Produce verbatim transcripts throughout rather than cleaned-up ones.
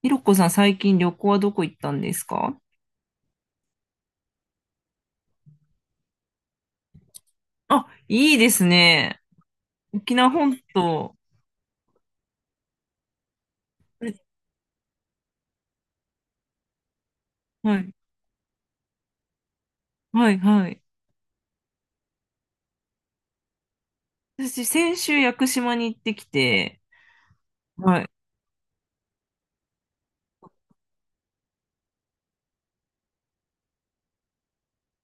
ひろこさん、最近旅行はどこ行ったんですか？あ、いいですね。沖縄本島。はい。はい、はい。私、先週、屋久島に行ってきて、はい。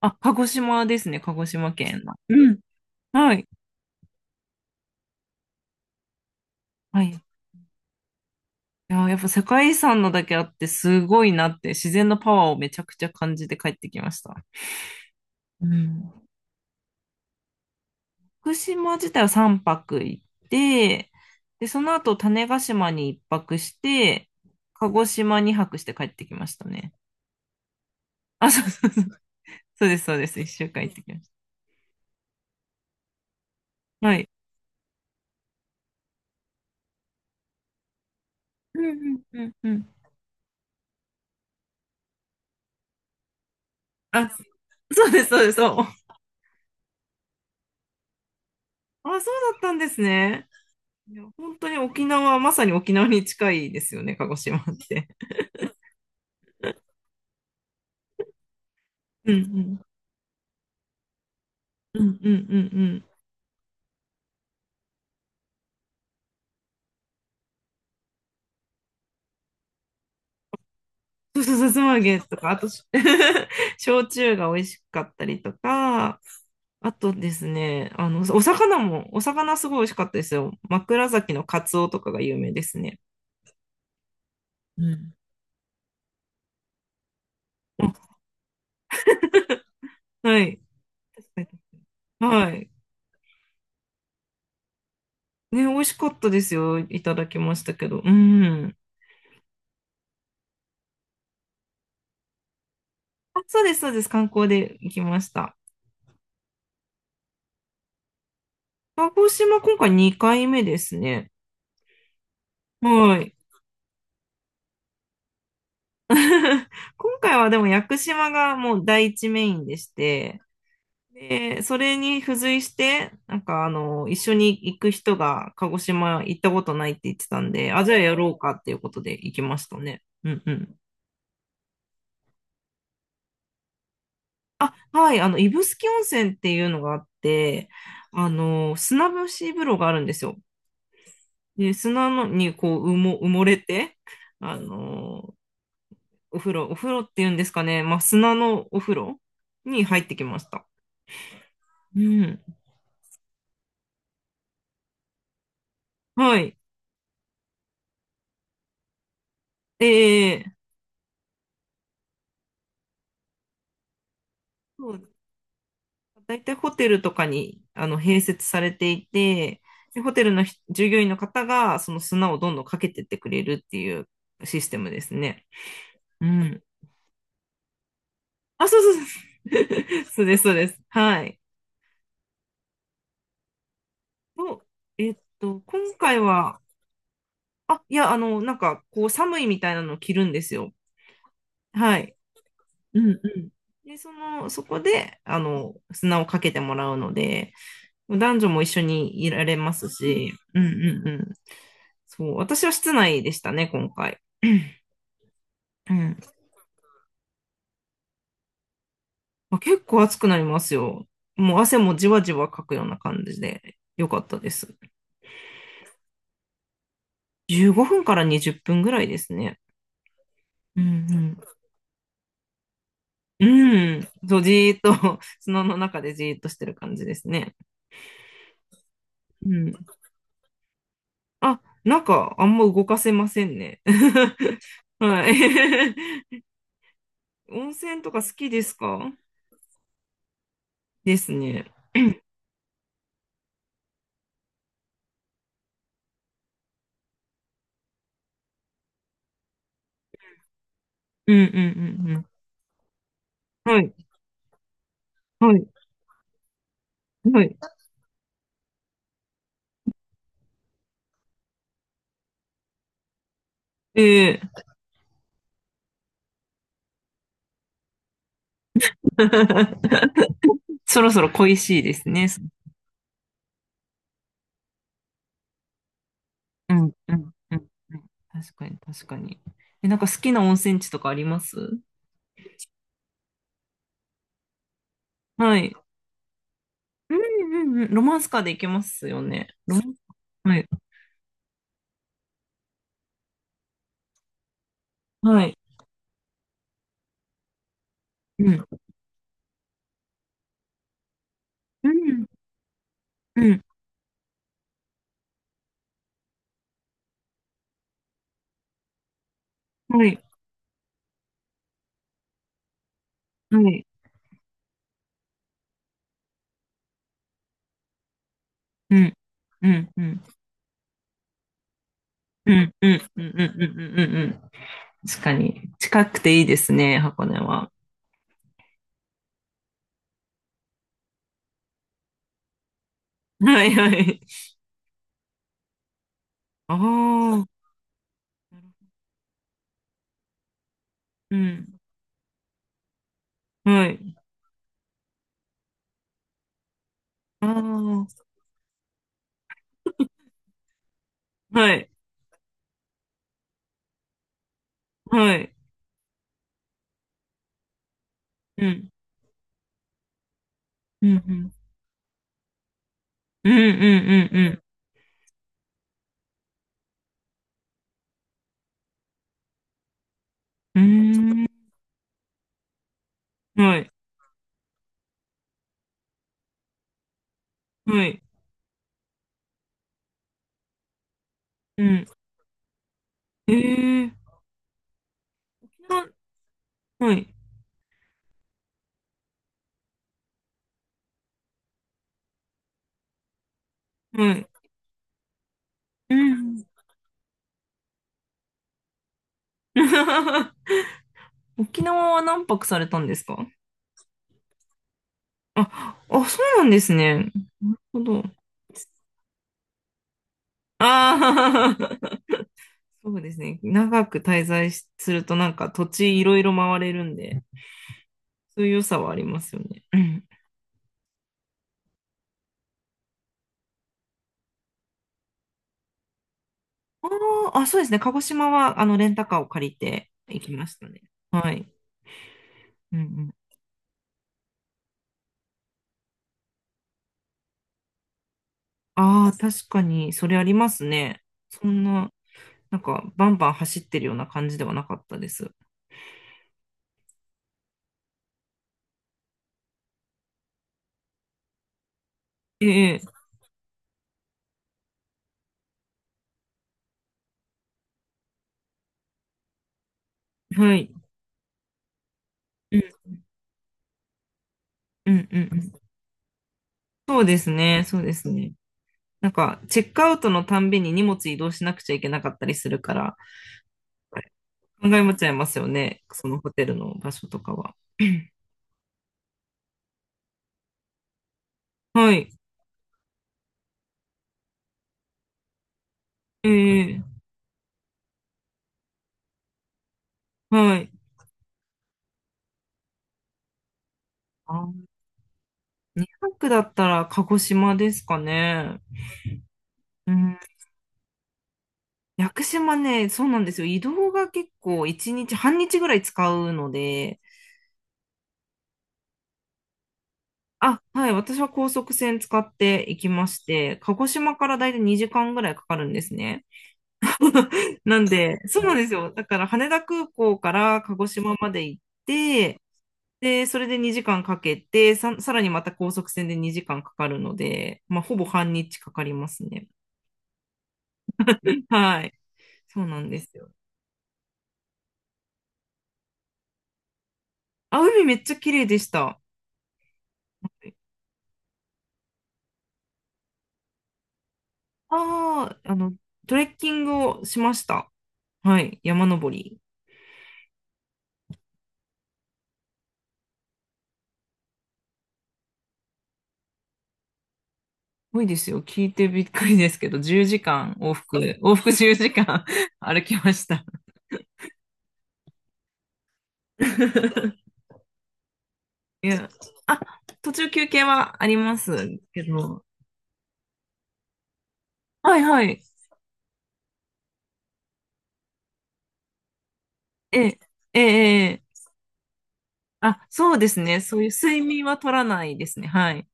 あ、鹿児島ですね、鹿児島県の。うん。はい。はい。いや、やっぱ世界遺産のだけあって、すごいなって、自然のパワーをめちゃくちゃ感じて帰ってきました。うん。福島自体はさんぱく行って、で、その後種子島にいっぱくして、鹿児島に泊して帰ってきましたね。あ、そうそうそう。そうです、そうです。一週間行ってきました。はい。うんうんうんうん。あ、そうです、そうです、そう。あ、そうだったんですね。いや、本当に沖縄、まさに沖縄に近いですよね、鹿児島って。うんうんうんうんうんうん。そうそう、さつま揚げとか、あとし、焼酎が美味しかったりとか、あとですね、あの、お魚も、お魚すごい美味しかったですよ。枕崎のカツオとかが有名ですね。うん。あ、はい、はい。ね、美味しかったですよ。いただきましたけど。うん。あ、そうです、そうです。観光で行きました。鹿児島、今回にかいめですね。はい。今回はでも屋久島がもう第一メインでして、で、それに付随して、なんかあの、一緒に行く人が鹿児島行ったことないって言ってたんで、あ、じゃあやろうかっていうことで行きましたね。うんうん。あ、はい、あの、指宿温泉っていうのがあって、あの、砂蒸し風呂があるんですよ。で、砂のにこう、埋も、埋もれて、あの、お風呂、お風呂っていうんですかね、まあ、砂のお風呂に入ってきました。うん。はい。えー大体ホテルとかにあの併設されていて、でホテルのひ従業員の方がその砂をどんどんかけてってくれるっていうシステムですね。うん。あ、そうそうそう。そうです、そうです。はい。と、えっと、今回は、あ、いや、あの、なんか、こう、寒いみたいなのを着るんですよ。はい。うんうん。で、その、そこで、あの、砂をかけてもらうので、男女も一緒にいられますし、うんうんうん。そう、私は室内でしたね、今回。うん。まあ、結構暑くなりますよ。もう汗もじわじわかくような感じで、よかったです。じゅうごふんからにじゅっぷんぐらいですね。うんうん。うん。そう、じーっと、砂の中でじーっとしてる感じですね。うん。あ、なんか、あんま動かせませんね。はい。温泉とか好きですか？ですね。うんうんうんうん。はい。はい。はい。ええ。 そろそろ恋しいですね。うん、うん、うん。うん、確かに、確かに。え、なんか好きな温泉地とかあります？はい。うん、うん、うん。ロマンスカーで行けますよね。ロマンスカー。はい、はい。うん、うん、うん。はい、はい。うん、うん、うん、うん、うん、うん、うん、うん、うん。うん、確かに。近くていいですね、箱根は。はい、はい。ああ。うん。はい。ああ。はい。はい。うん。うん、うん、うんうんうんうん。うーん。はい。はい。うん。えー。なはい。はい。うん。沖縄は何泊されたんですか？あ、あ、そうなんですね。なるほど。ああ。そうですね。長く滞在しするとなんか土地いろいろ回れるんで、そういう良さはありますよね。うん。あーあ、そうですね。鹿児島はあのレンタカーを借りて行きましたね。はい。うんうん。ああ、確かに、それありますね。そんな、なんか、バンバン走ってるような感じではなかったです。ええ、はい。うん、うん、うん。うん、そうですね、そうですね。なんか、チェックアウトのたんびに荷物移動しなくちゃいけなかったりするから、考えもちゃいますよね、そのホテルの場所とかは。はい。ええ、はい。あー、にはくだったら鹿児島ですかね。うん。屋久島ね、そうなんですよ。移動が結構いちにち、半日ぐらい使うので、あ、はい。私は高速船使って行きまして、鹿児島からだいたいにじかんぐらいかかるんですね。なんで、そうなんですよ。だから羽田空港から鹿児島まで行って、で、それでにじかんかけて、さ、さらにまた高速船でにじかんかかるので、まあ、ほぼ半日かかりますね。はい。そうなんですよ。あ、海めっちゃ綺麗でした。ああ、あの、トレッキングをしました。はい。山登り。ごいですよ。聞いてびっくりですけど、じゅうじかん往復、往復じゅうじかん 歩きました。いや、あ、途中休憩はありますけど。はいはい。ええ、ええ、ええ、あ、そうですね。そういう睡眠は取らないですね。はい。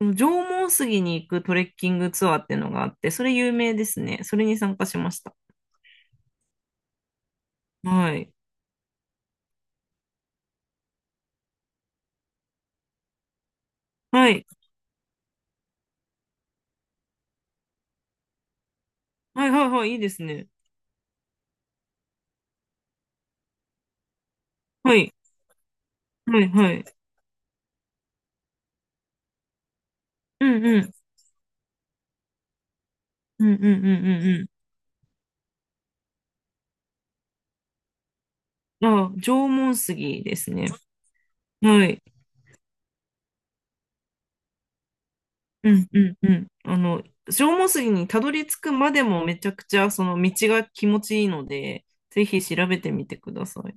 縄文杉に行くトレッキングツアーっていうのがあって、それ有名ですね。それに参加しました。はい。はい。はいはいはい。いいですね。はい。はいはい。うんうん。うんうんうんうん。あ、縄文杉ですね。はい。うんうんうん。あの、縄文杉にたどり着くまでもめちゃくちゃその道が気持ちいいので、ぜひ調べてみてください。